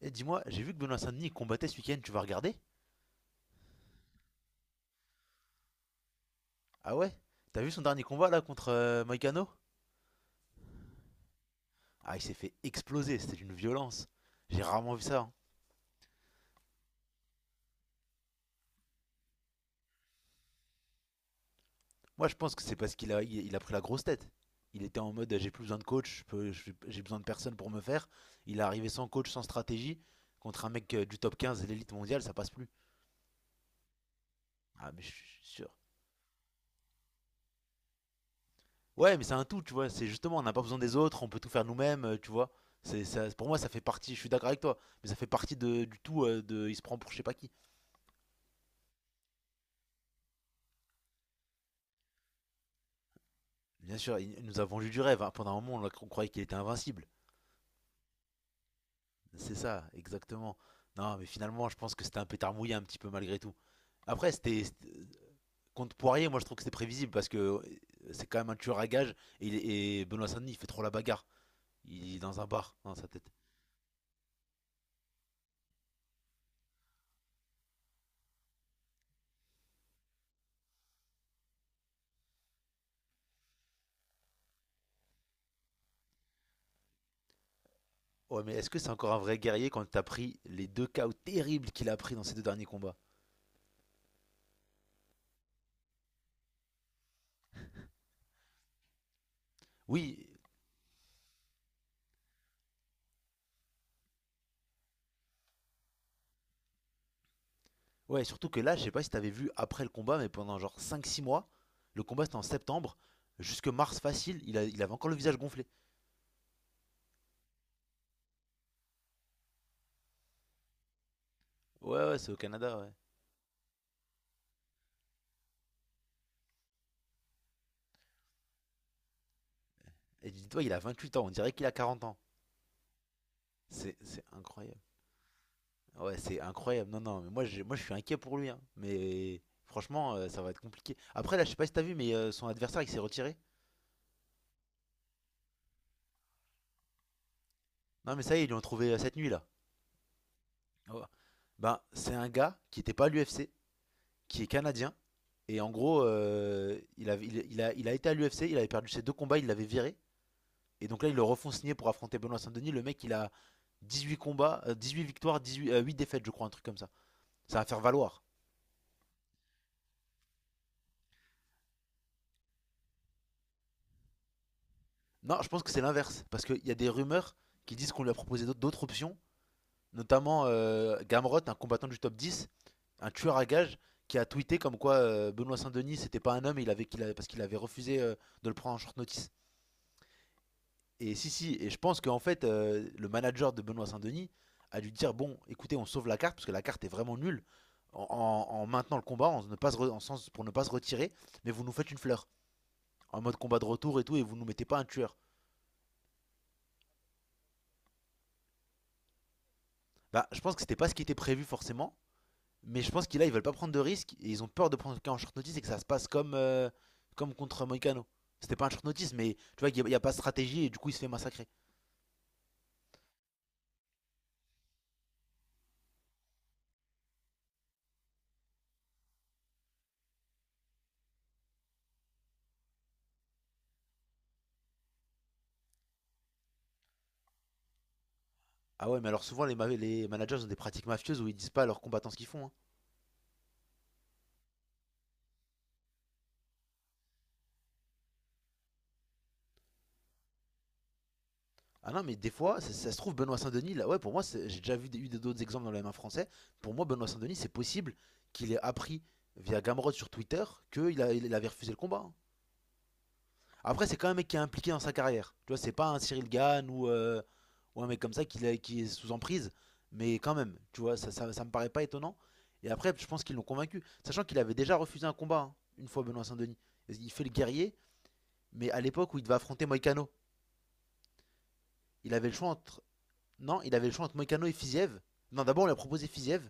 Et dis-moi, j'ai vu que Benoît Saint-Denis combattait ce week-end, tu vas regarder? Ah ouais? T'as vu son dernier combat là contre Moïcano? Ah, il s'est fait exploser, c'était une violence. J'ai rarement vu ça, hein. Moi, je pense que c'est parce qu'il a pris la grosse tête. Il était en mode j'ai plus besoin de coach, j'ai besoin de personne pour me faire. Il est arrivé sans coach, sans stratégie, contre un mec du top 15, l'élite mondiale, ça passe plus. Ah, mais je suis. Ouais, mais c'est un tout, tu vois. C'est justement, on n'a pas besoin des autres, on peut tout faire nous-mêmes, tu vois. C'est ça, pour moi, ça fait partie. Je suis d'accord avec toi, mais ça fait partie de, du tout. Il se prend pour je sais pas qui. Bien sûr, il nous a vendu du rêve, hein. Pendant un moment, on croyait qu'il était invincible. C'est ça, exactement. Non, mais finalement, je pense que c'était un pétard mouillé un petit peu malgré tout. Après, contre Poirier, moi, je trouve que c'était prévisible parce que c'est quand même un tueur à gages. Et Benoît Saint-Denis, il fait trop la bagarre. Il est dans un bar dans sa tête. Ouais, mais est-ce que c'est encore un vrai guerrier quand t'as pris les deux KO terribles qu'il a pris dans ces deux derniers combats? Oui, ouais, surtout que là, je sais pas si t'avais vu après le combat, mais pendant genre cinq six mois, le combat c'était en septembre, jusque mars facile, il avait encore le visage gonflé. Ouais, ouais, c'est au Canada, ouais. Et dis-toi, il a 28 ans, on dirait qu'il a 40 ans. C'est incroyable. Ouais, c'est incroyable. Non, non, mais moi, moi je suis inquiet pour lui, hein. Mais franchement, ça va être compliqué. Après, là, je sais pas si t'as vu, mais son adversaire, il s'est retiré. Non, mais ça y est, ils lui ont trouvé cette nuit, là. Oh. Ben, c'est un gars qui n'était pas à l'UFC, qui est canadien. Et en gros, il, avait- il a été à l'UFC, il avait perdu ses deux combats, il l'avait viré. Et donc là, ils le refont signer pour affronter Benoît Saint-Denis. Le mec, il a 18 combats, huit victoires, 18, 8 défaites, je crois, un truc comme ça. Ça va faire valoir. Non, je pense que c'est l'inverse. Parce qu'il y a des rumeurs qui disent qu'on lui a proposé d'autres options, notamment Gamrot, un combattant du top 10, un tueur à gages, qui a tweeté comme quoi Benoît Saint-Denis, c'était pas un homme, il avait, qu'il avait- parce qu'il avait refusé de le prendre en short notice. Et si, si, et je pense qu'en fait, le manager de Benoît Saint-Denis a dû dire bon, écoutez, on sauve la carte parce que la carte est vraiment nulle en, en maintenant le combat, en sens pour ne pas se retirer, mais vous nous faites une fleur en mode combat de retour et tout, et vous nous mettez pas un tueur. Bah, je pense que c'était pas ce qui était prévu forcément, mais je pense qu'ils là ils veulent pas prendre de risques et ils ont peur de prendre quelqu'un en short notice et que ça se passe comme comme contre Moicano. C'était pas un short notice, mais tu vois qu'il n'y a pas de stratégie et du coup il se fait massacrer. Ah ouais, mais alors souvent les managers ont des pratiques mafieuses où ils disent pas à leurs combattants ce qu'ils font, hein. Ah non, mais des fois, ça se trouve, Benoît Saint-Denis, là, ouais, pour moi, j'ai déjà vu eu d'autres exemples dans le M1 français. Pour moi, Benoît Saint-Denis, c'est possible qu'il ait appris via Gamrod sur Twitter qu'il avait refusé le combat, hein. Après, c'est quand même un mec qui est impliqué dans sa carrière. Tu vois, c'est pas un Cyril Gann ou un mec comme ça qui est sous emprise. Mais quand même, tu vois, ça me paraît pas étonnant. Et après, je pense qu'ils l'ont convaincu. Sachant qu'il avait déjà refusé un combat, hein, une fois Benoît Saint-Denis. Il fait le guerrier, mais à l'époque où il devait affronter Moïcano, il avait le choix entre. Non, il avait le choix entre Moïcano et Fiziev. Non, d'abord, on lui a proposé Fiziev.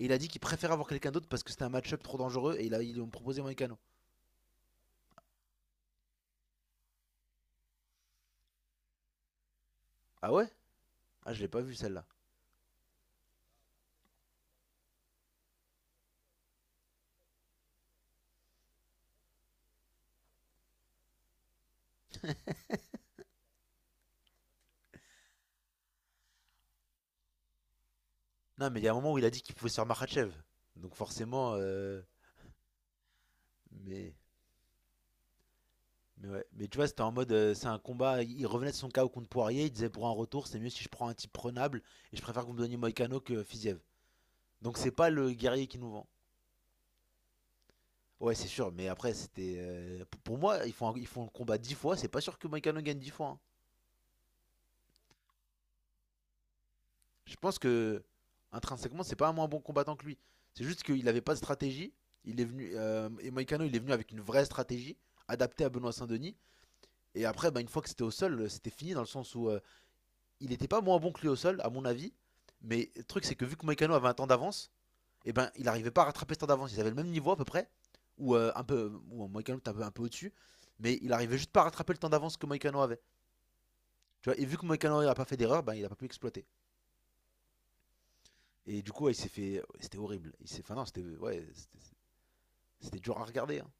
Et il a dit qu'il préfère avoir quelqu'un d'autre parce que c'était un match-up trop dangereux. Et ils lui ont proposé Moïcano. Ah ouais. Ah, je l'ai pas vu celle-là. Non, mais il y a un moment où il a dit qu'il pouvait se faire Makhachev. Donc forcément. Mais. Mais ouais, mais tu vois, c'était en mode, c'est un combat, il revenait de son KO contre Poirier, il disait pour un retour, c'est mieux si je prends un type prenable, et je préfère que vous me donniez Moïcano que Fiziev. Donc c'est pas le guerrier qui nous vend. Ouais, c'est sûr, mais après, c'était. Pour moi, ils font le combat 10 fois, c'est pas sûr que Moïcano gagne 10 fois, hein. Je pense que intrinsèquement, c'est pas un moins bon combattant que lui. C'est juste qu'il n'avait pas de stratégie. Il est venu et Moïcano, il est venu avec une vraie stratégie adaptée à Benoît Saint-Denis. Et après, bah, une fois que c'était au sol, c'était fini dans le sens où il n'était pas moins bon que lui au sol, à mon avis. Mais le truc, c'est que vu que Moïcano avait un temps d'avance, et ben, il n'arrivait pas à rattraper ce temps d'avance. Ils avaient le même niveau à peu près, ou Moïcano était un peu au-dessus, mais il arrivait juste pas à rattraper le temps d'avance que Moïcano avait. Tu vois, et vu que Moïcano n'a pas fait d'erreur, ben, il n'a pas pu exploiter. Et du coup, ouais, il s'est fait. C'était horrible. Il s'est. Enfin, non, c'était. Ouais, c'était dur à regarder, hein.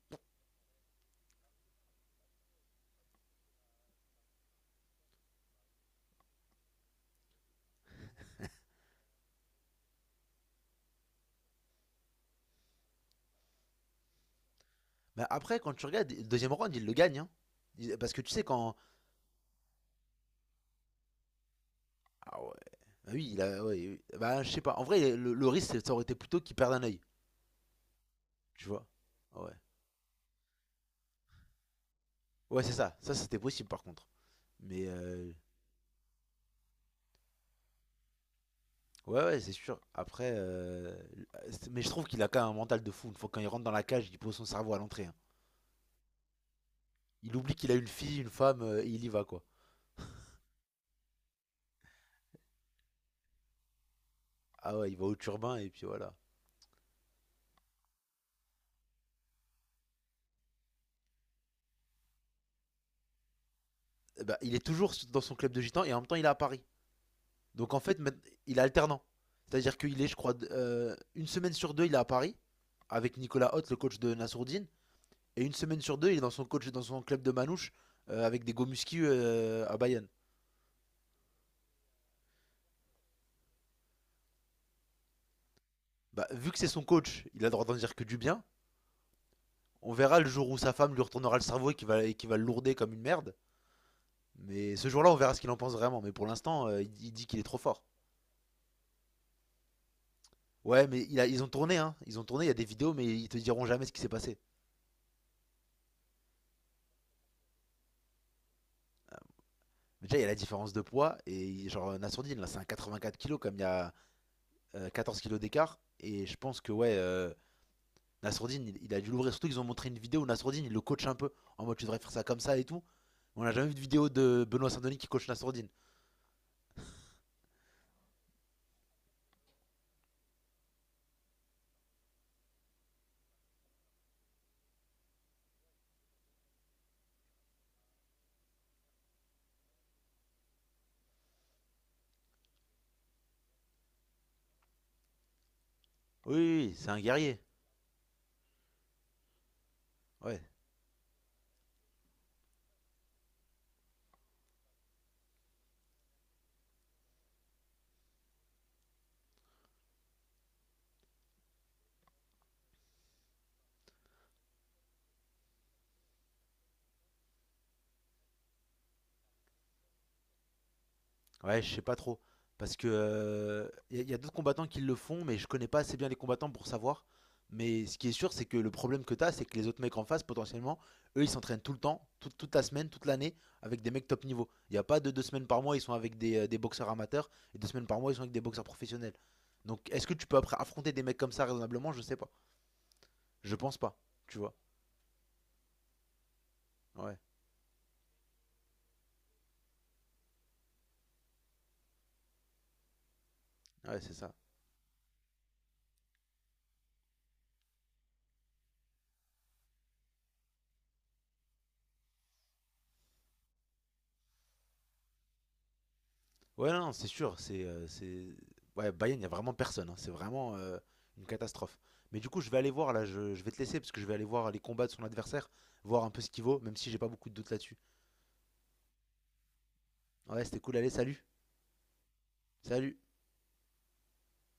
Mais après, quand tu regardes, le deuxième round, il le gagne, hein. Parce que tu sais, quand. Ah ouais. Bah oui, il a. Ouais, oui. Bah, je sais pas. En vrai, le risque, ça aurait été plutôt qu'il perde un œil. Tu vois. Ouais. Ouais, c'est ça. Ça, c'était possible, par contre. Mais. Ouais, ouais, c'est sûr. Après. Mais je trouve qu'il a quand même un mental de fou. Une fois quand il rentre dans la cage, il pose son cerveau à l'entrée, hein. Il oublie qu'il a une fille, une femme, et il y va, quoi. Ah ouais, il va au turbin, et puis voilà. Eh ben, il est toujours dans son club de gitan et en même temps il est à Paris. Donc en fait, il est alternant. C'est-à-dire qu'il est, je crois, une semaine sur deux, il est à Paris avec Nicolas Hoth, le coach de Nassourdine, et une semaine sur deux, il est dans son coach dans son club de Manouche avec des Gomuski à Bayonne. Bah, vu que c'est son coach, il a le droit d'en dire que du bien. On verra le jour où sa femme lui retournera le cerveau et qu'il va, le lourder comme une merde. Mais ce jour-là, on verra ce qu'il en pense vraiment. Mais pour l'instant, il dit qu'il est trop fort. Ouais, mais ils ont tourné, hein. Ils ont tourné, il y a des vidéos, mais ils te diront jamais ce qui s'est passé. Déjà, il y a la différence de poids. Et genre, Nassourdine, là, c'est un 84 kilos comme il y a 14 kilos d'écart. Et je pense que, ouais, Nassourdine, il a dû l'ouvrir. Surtout qu'ils ont montré une vidéo où Nassourdine, il le coach un peu. En mode, tu devrais faire ça comme ça et tout. On n'a jamais vu de vidéo de Benoît Saint-Denis qui coach Nassourdine. Oui, oui, oui, c'est un guerrier. Ouais. Ouais, je sais pas trop. Parce que y a d'autres combattants qui le font, mais je connais pas assez bien les combattants pour savoir. Mais ce qui est sûr, c'est que le problème que t'as, c'est que les autres mecs en face, potentiellement, eux, ils s'entraînent tout le temps, toute la semaine, toute l'année, avec des mecs top niveau. Il n'y a pas de deux semaines par mois, ils sont avec des boxeurs amateurs, et deux semaines par mois, ils sont avec des boxeurs professionnels. Donc, est-ce que tu peux après affronter des mecs comme ça raisonnablement? Je sais pas. Je pense pas. Tu vois. Ouais, ouais, c'est ça. Ouais, non, c'est sûr. C'est... Ouais, Bayern, il n'y a vraiment personne, hein. C'est vraiment une catastrophe. Mais du coup, je vais aller voir, là, je vais te laisser, parce que je vais aller voir les combats de son adversaire, voir un peu ce qu'il vaut, même si j'ai pas beaucoup de doutes là-dessus. Ouais, c'était cool, allez, salut. Salut.